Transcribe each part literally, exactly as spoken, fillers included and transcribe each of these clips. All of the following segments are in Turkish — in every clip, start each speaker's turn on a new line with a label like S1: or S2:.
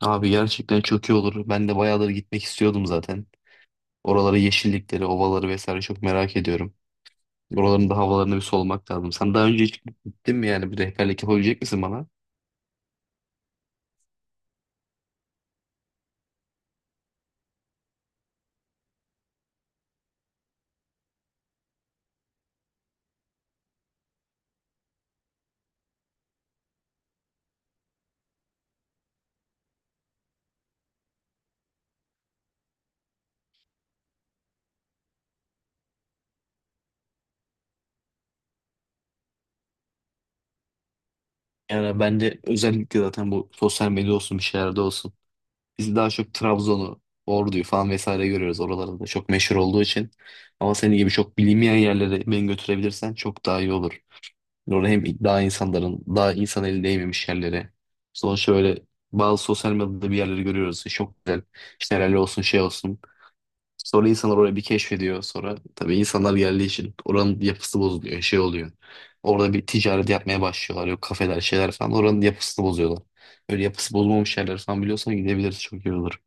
S1: Abi gerçekten çok iyi olur. Ben de bayağıdır gitmek istiyordum zaten. Oraları, yeşillikleri, ovaları vesaire çok merak ediyorum. Oraların da havalarını bir solmak lazım. Sen daha önce hiç gittin mi yani? Bir rehberlik yapabilecek misin bana? Yani bence özellikle zaten bu sosyal medya olsun bir şeylerde olsun. Biz daha çok Trabzon'u, Ordu'yu falan vesaire görüyoruz. Oralarda da çok meşhur olduğu için. Ama senin gibi çok bilinmeyen yerlere beni götürebilirsen çok daha iyi olur. Orada hem daha insanların daha insan eli değmemiş yerlere. Sonuçta böyle bazı sosyal medyada bir yerleri görüyoruz. İşte çok güzel. İşte helal olsun şey olsun. Sonra insanlar oraya bir keşfediyor. Sonra tabii insanlar geldiği için oranın yapısı bozuluyor. Şey oluyor. Orada bir ticaret yapmaya başlıyorlar. Yok kafeler şeyler falan. Oranın yapısını bozuyorlar. Böyle yapısı bozulmamış yerler falan biliyorsan gidebiliriz. Çok iyi olur.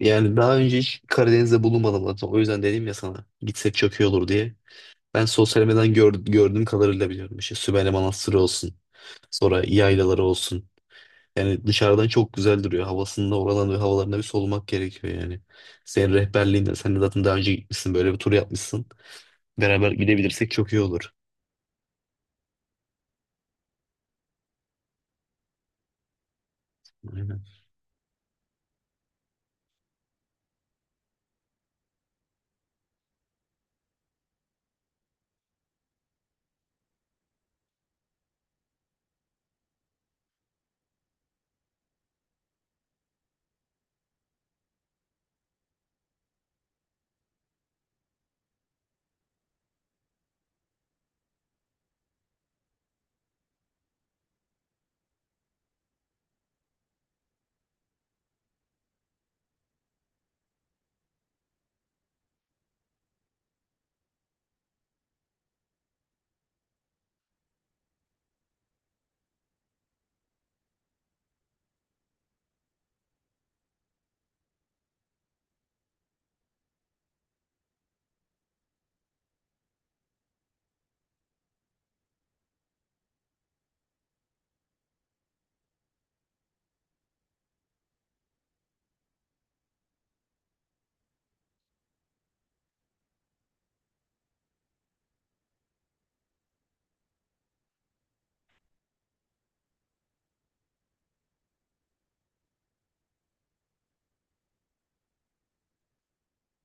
S1: Yani daha önce hiç Karadeniz'de bulunmadım zaten. O yüzden dedim ya sana gitsek çok iyi olur diye. Ben sosyal medyadan gör- gördüğüm kadarıyla biliyorum. İşte Sümele Manastırı olsun. Sonra yaylaları olsun. Yani dışarıdan çok güzel duruyor. Havasında oradan ve havalarına bir solumak gerekiyor yani. Senin rehberliğinde sen de zaten daha önce gitmişsin, böyle bir tur yapmışsın. Beraber gidebilirsek çok iyi olur. Aynen.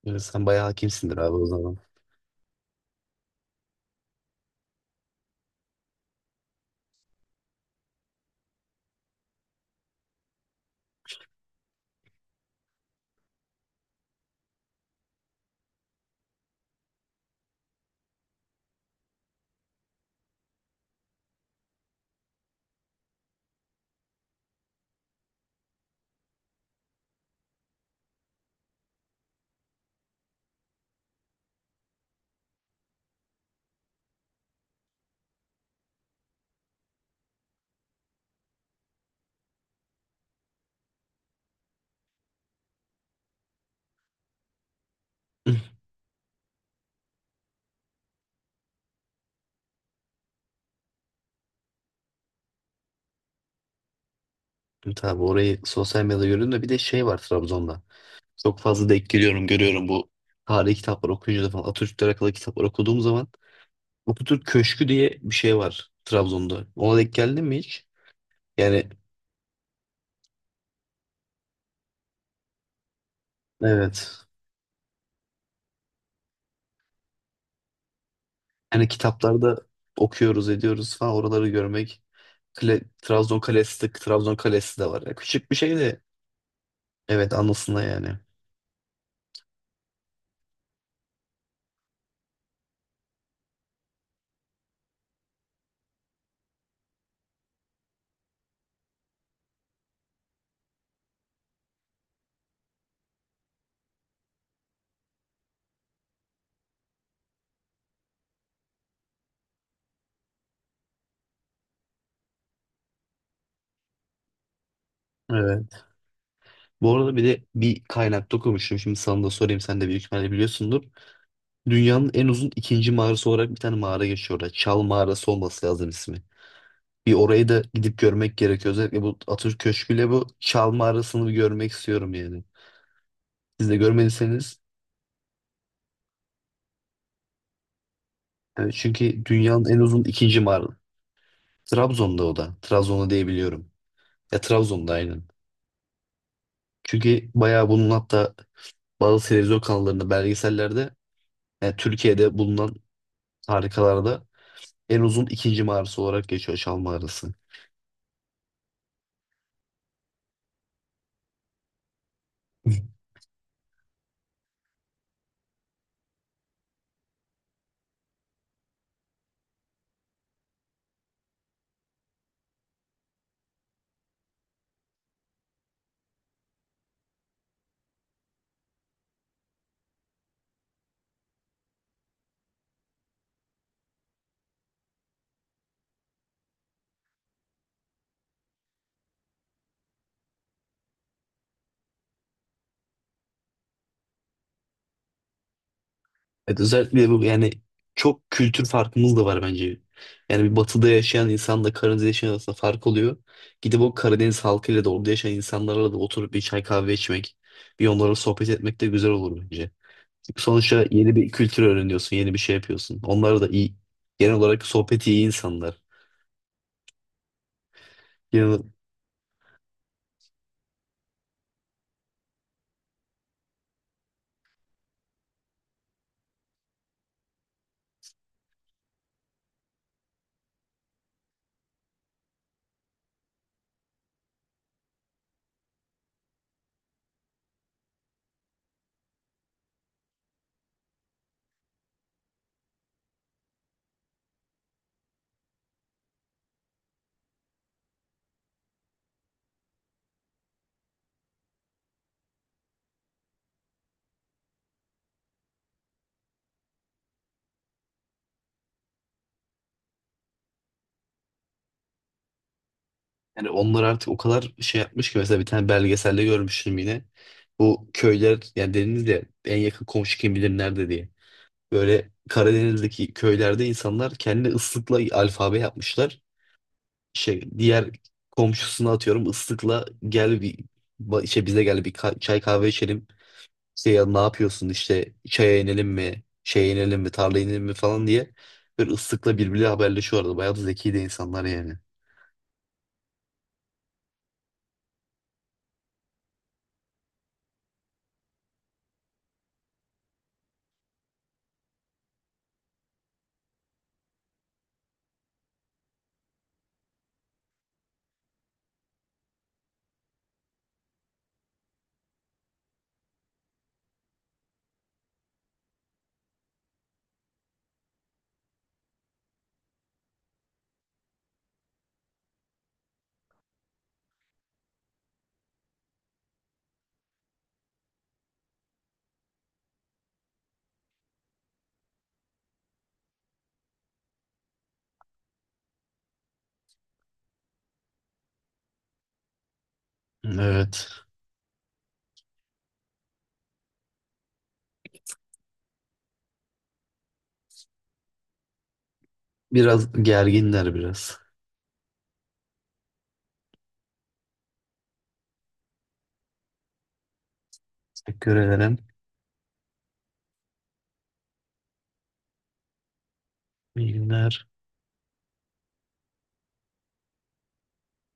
S1: Yani sen bayağı hakimsindir abi o zaman. Tabii orayı sosyal medyada görüyorum da bir de şey var Trabzon'da. Çok fazla denk geliyorum, görüyorum bu tarihi kitapları okuyunca da falan. Atatürk'le alakalı kitaplar okuduğum zaman Atatürk Köşkü diye bir şey var Trabzon'da. Ona denk geldin mi hiç? Yani evet. Yani kitaplarda okuyoruz, ediyoruz falan oraları görmek. Kale, Trabzon Kalesi de, Trabzon Kalesi de var. Ya küçük bir şey de evet, anlasınlar yani. Evet. Bu arada bir de bir kaynakta okumuştum. Şimdi sana da sorayım. Sen de büyük ihtimalle biliyorsundur. Dünyanın en uzun ikinci mağarası olarak bir tane mağara geçiyor orada. Çal Mağarası olması lazım ismi. Bir orayı da gidip görmek gerekiyor. Özellikle bu Atatürk Köşkü'yle bu Çal Mağarası'nı bir görmek istiyorum yani. Siz de görmediyseniz evet, çünkü dünyanın en uzun ikinci mağarası. Trabzon'da o da. Trabzon'da diyebiliyorum. Ya Trabzon'da aynen. Çünkü bayağı bunun hatta bazı televizyon kanallarında belgesellerde yani Türkiye'de bulunan harikalarda en uzun ikinci mağarası olarak geçiyor Çal Mağarası. Evet, özellikle bu yani çok kültür farkımız da var bence. Yani bir batıda yaşayan insanla Karadeniz'de yaşayan arasında fark oluyor. Gidip o Karadeniz halkıyla da orada yaşayan insanlarla da oturup bir çay kahve içmek, bir onlarla sohbet etmek de güzel olur bence. Sonuçta yeni bir kültür öğreniyorsun, yeni bir şey yapıyorsun. Onlar da iyi, genel olarak sohbeti iyi insanlar. Yani, yani onlar artık o kadar şey yapmış ki mesela bir tane belgeselde görmüştüm yine. Bu köyler yani dediniz ya en yakın komşu kim bilir nerede diye. Böyle Karadeniz'deki köylerde insanlar kendi ıslıkla alfabe yapmışlar. Şey, diğer komşusuna atıyorum ıslıkla gel bir ba- işte bize gel bir ka- çay kahve içelim. İşte ya ne yapıyorsun, işte çaya inelim mi, şeye inelim mi, tarlaya inelim mi falan diye böyle ıslıkla birbiriyle haberleşiyorlardı. Bayağı da zeki de insanlar yani. Evet. Biraz gerginler biraz. Teşekkür ederim. İyi günler.